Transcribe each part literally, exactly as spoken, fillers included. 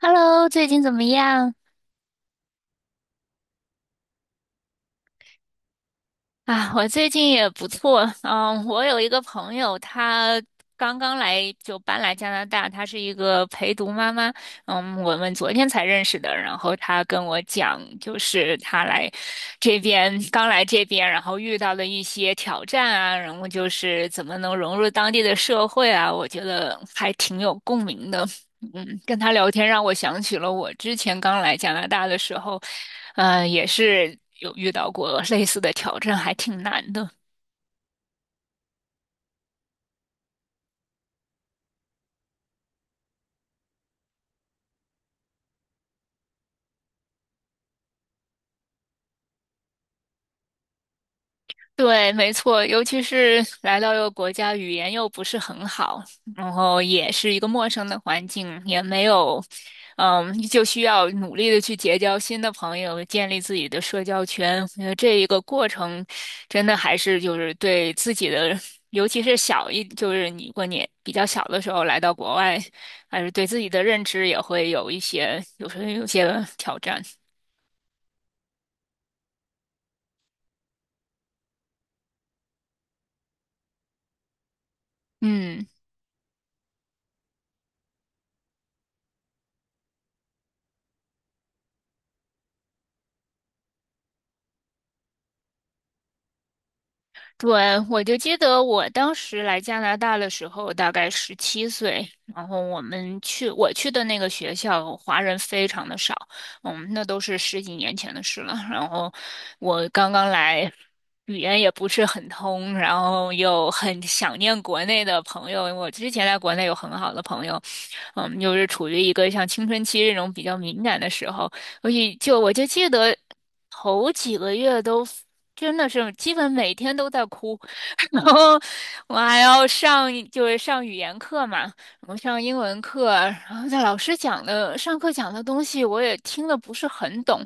Hello，最近怎么样？啊，我最近也不错。嗯，我有一个朋友，她刚刚来就搬来加拿大，她是一个陪读妈妈。嗯，我们昨天才认识的，然后她跟我讲，就是她来这边刚来这边，然后遇到的一些挑战啊，然后就是怎么能融入当地的社会啊，我觉得还挺有共鸣的。嗯，跟他聊天让我想起了我之前刚来加拿大的时候，呃，也是有遇到过类似的挑战，还挺难的。对，没错，尤其是来到一个国家，语言又不是很好，然后也是一个陌生的环境，也没有，嗯，就需要努力的去结交新的朋友，建立自己的社交圈。我觉得这一个过程，真的还是就是对自己的，尤其是小一，就是你过年比较小的时候来到国外，还是对自己的认知也会有一些，有时候有些挑战。嗯。对，我就记得我当时来加拿大的时候，大概十七岁，然后我们去我去的那个学校，华人非常的少，嗯，那都是十几年前的事了。然后我刚刚来，语言也不是很通，然后又很想念国内的朋友。我之前在国内有很好的朋友，嗯，又是处于一个像青春期这种比较敏感的时候，所以就我就记得头几个月都真的是基本每天都在哭，然后我还要上就是上语言课嘛，我上英文课，然后在老师讲的上课讲的东西我也听的不是很懂，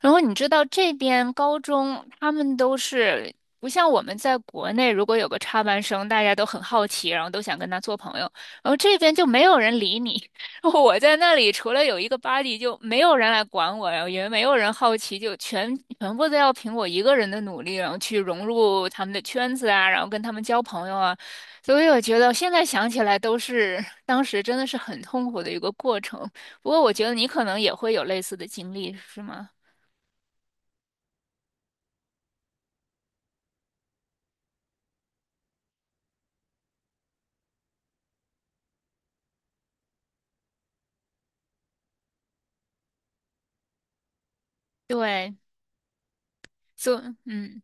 然后你知道这边高中他们都是。不像我们在国内，如果有个插班生，大家都很好奇，然后都想跟他做朋友。然后这边就没有人理你，我在那里除了有一个 b u d y 就没有人来管我，然后也没有人好奇，就全全部都要凭我一个人的努力，然后去融入他们的圈子啊，然后跟他们交朋友啊。所以我觉得现在想起来都是当时真的是很痛苦的一个过程。不过我觉得你可能也会有类似的经历，是吗？对，所、嗯。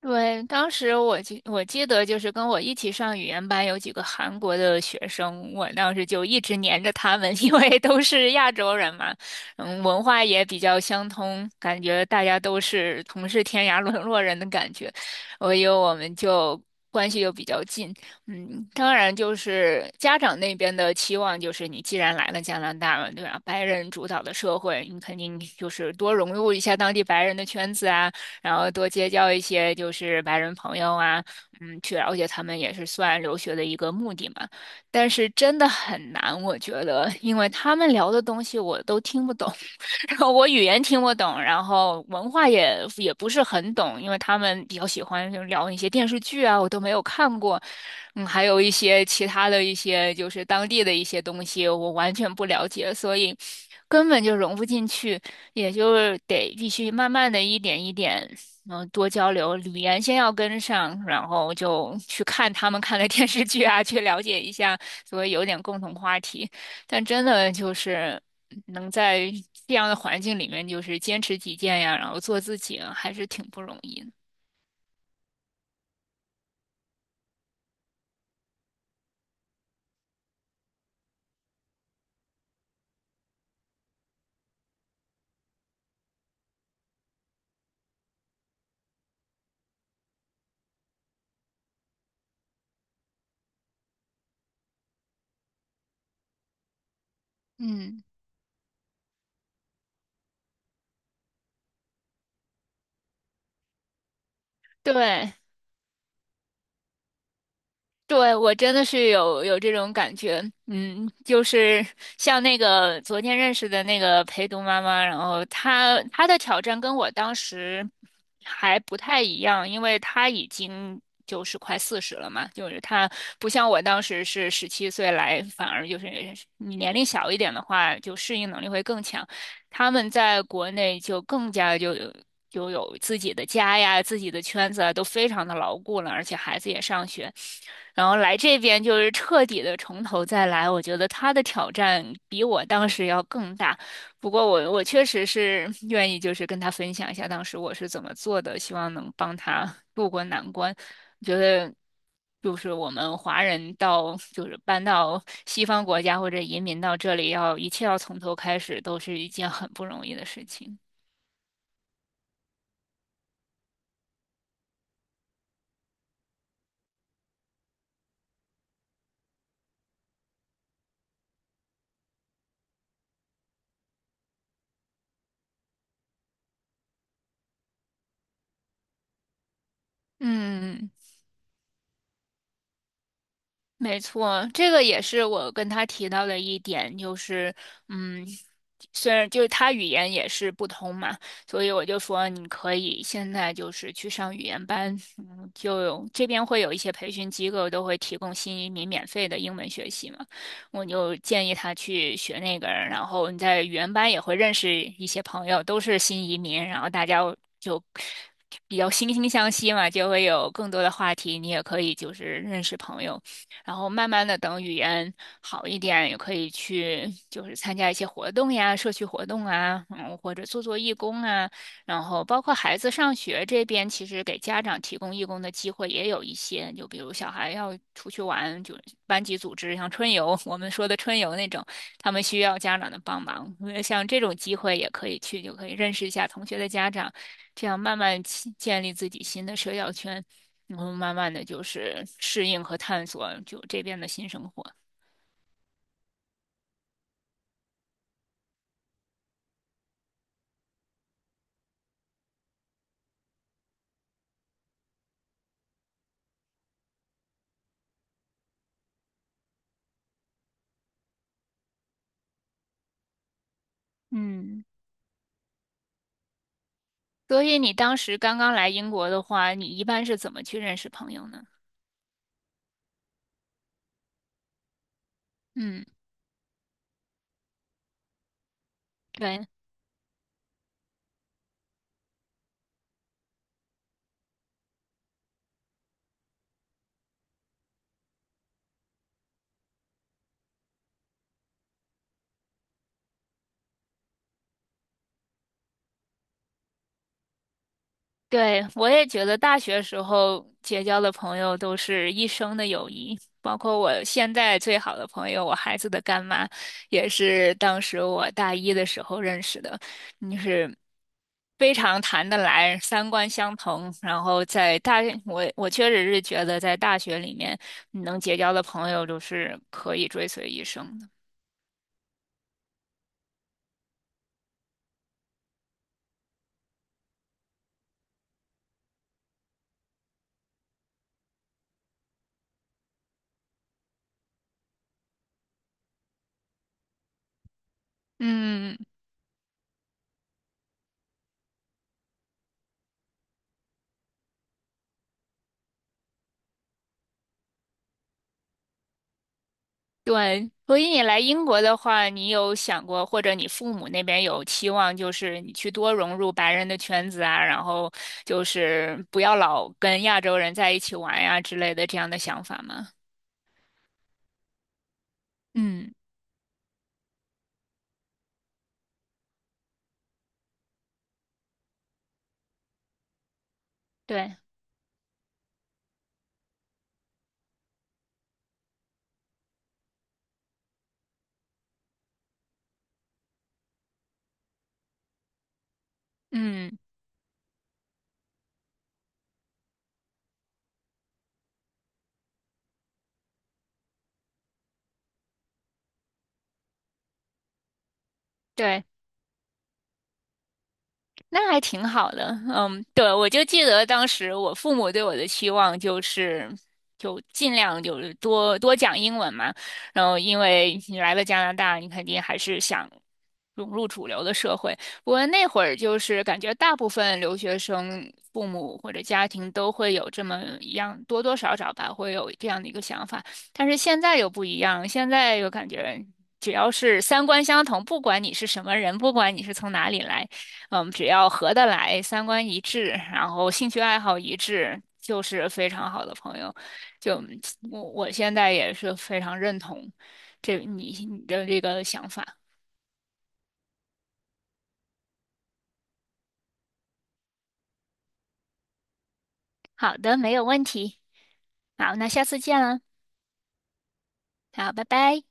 对，当时我记我记得就是跟我一起上语言班有几个韩国的学生，我当时就一直黏着他们，因为都是亚洲人嘛，嗯，文化也比较相通，感觉大家都是同是天涯沦落人的感觉，所以我们就关系又比较近，嗯，当然就是家长那边的期望就是你既然来了加拿大了，对吧？白人主导的社会，你肯定就是多融入一下当地白人的圈子啊。然后多结交一些就是白人朋友啊，嗯，去了解他们也是算留学的一个目的嘛。但是真的很难，我觉得，因为他们聊的东西我都听不懂。然后我语言听不懂，然后文化也也不是很懂，因为他们比较喜欢就聊一些电视剧啊，我都没有看过，嗯，还有一些其他的一些就是当地的一些东西，我完全不了解，所以根本就融不进去，也就是得必须慢慢的一点一点，嗯，多交流，语言先要跟上，然后就去看他们看的电视剧啊，去了解一下，所以有点共同话题。但真的就是能在这样的环境里面，就是坚持己见呀，然后做自己啊还是挺不容易的。嗯，对，对，我真的是有有这种感觉，嗯，就是像那个昨天认识的那个陪读妈妈，然后她她的挑战跟我当时还不太一样，因为她已经就是快四十了嘛，就是她不像我当时是十七岁来，反而就是你年龄小一点的话，就适应能力会更强。他们在国内就更加就有就有自己的家呀、自己的圈子啊，都非常的牢固了，而且孩子也上学，然后来这边就是彻底的从头再来，我觉得他的挑战比我当时要更大。不过我我确实是 愿意，就是跟他分享一下当时我是怎么做的，希望能帮他渡过难关。我觉得就是我们华人到就是搬到西方国家或者移民到这里要，一切要从头开始，都是一件很不容易的事情。嗯。没错，这个也是我跟他提到的一点，就是，嗯，虽然就是他语言也是不通嘛，所以我就说你可以现在就是去上语言班，嗯，就有这边会有一些培训机构都会提供新移民免费的英文学习嘛，我就建议他去学那个，然后你在语言班也会认识一些朋友，都是新移民，然后大家就比较惺惺相惜嘛，就会有更多的话题，你也可以就是认识朋友。然后慢慢的等语言好一点，也可以去就是参加一些活动呀，社区活动啊，嗯，或者做做义工啊。然后包括孩子上学这边，其实给家长提供义工的机会也有一些，就比如小孩要出去玩，就班级组织像春游，我们说的春游那种，他们需要家长的帮忙。呃像这种机会也可以去，就可以认识一下同学的家长，这样慢慢建建立自己新的社交圈。然后慢慢的就是适应和探索就这边的新生活。嗯，所以你当时刚刚来英国的话，你一般是怎么去认识朋友呢？嗯，对，对，我也觉得大学时候结交的朋友都是一生的友谊，包括我现在最好的朋友，我孩子的干妈，也是当时我大一的时候认识的，就是非常谈得来，三观相同。然后在大，我我确实是觉得在大学里面你能结交的朋友，都是可以追随一生的。嗯，对，所以你来英国的话，你有想过，或者你父母那边有期望，就是你去多融入白人的圈子啊，然后就是不要老跟亚洲人在一起玩呀之类的这样的想法吗？嗯，对，嗯。对，那还挺好的，嗯，对，我就记得当时我父母对我的期望就是，就尽量就是多多讲英文嘛，然后因为你来了加拿大，你肯定还是想融入主流的社会。不过那会儿就是感觉大部分留学生父母或者家庭都会有这么一样，多多少少吧，会有这样的一个想法。但是现在又不一样，现在又感觉只要是三观相同，不管你是什么人，不管你是从哪里来。嗯，只要合得来，三观一致，然后兴趣爱好一致，就是非常好的朋友。就我我现在也是非常认同这你你的这个想法。好的，没有问题。好，那下次见了。好，拜拜。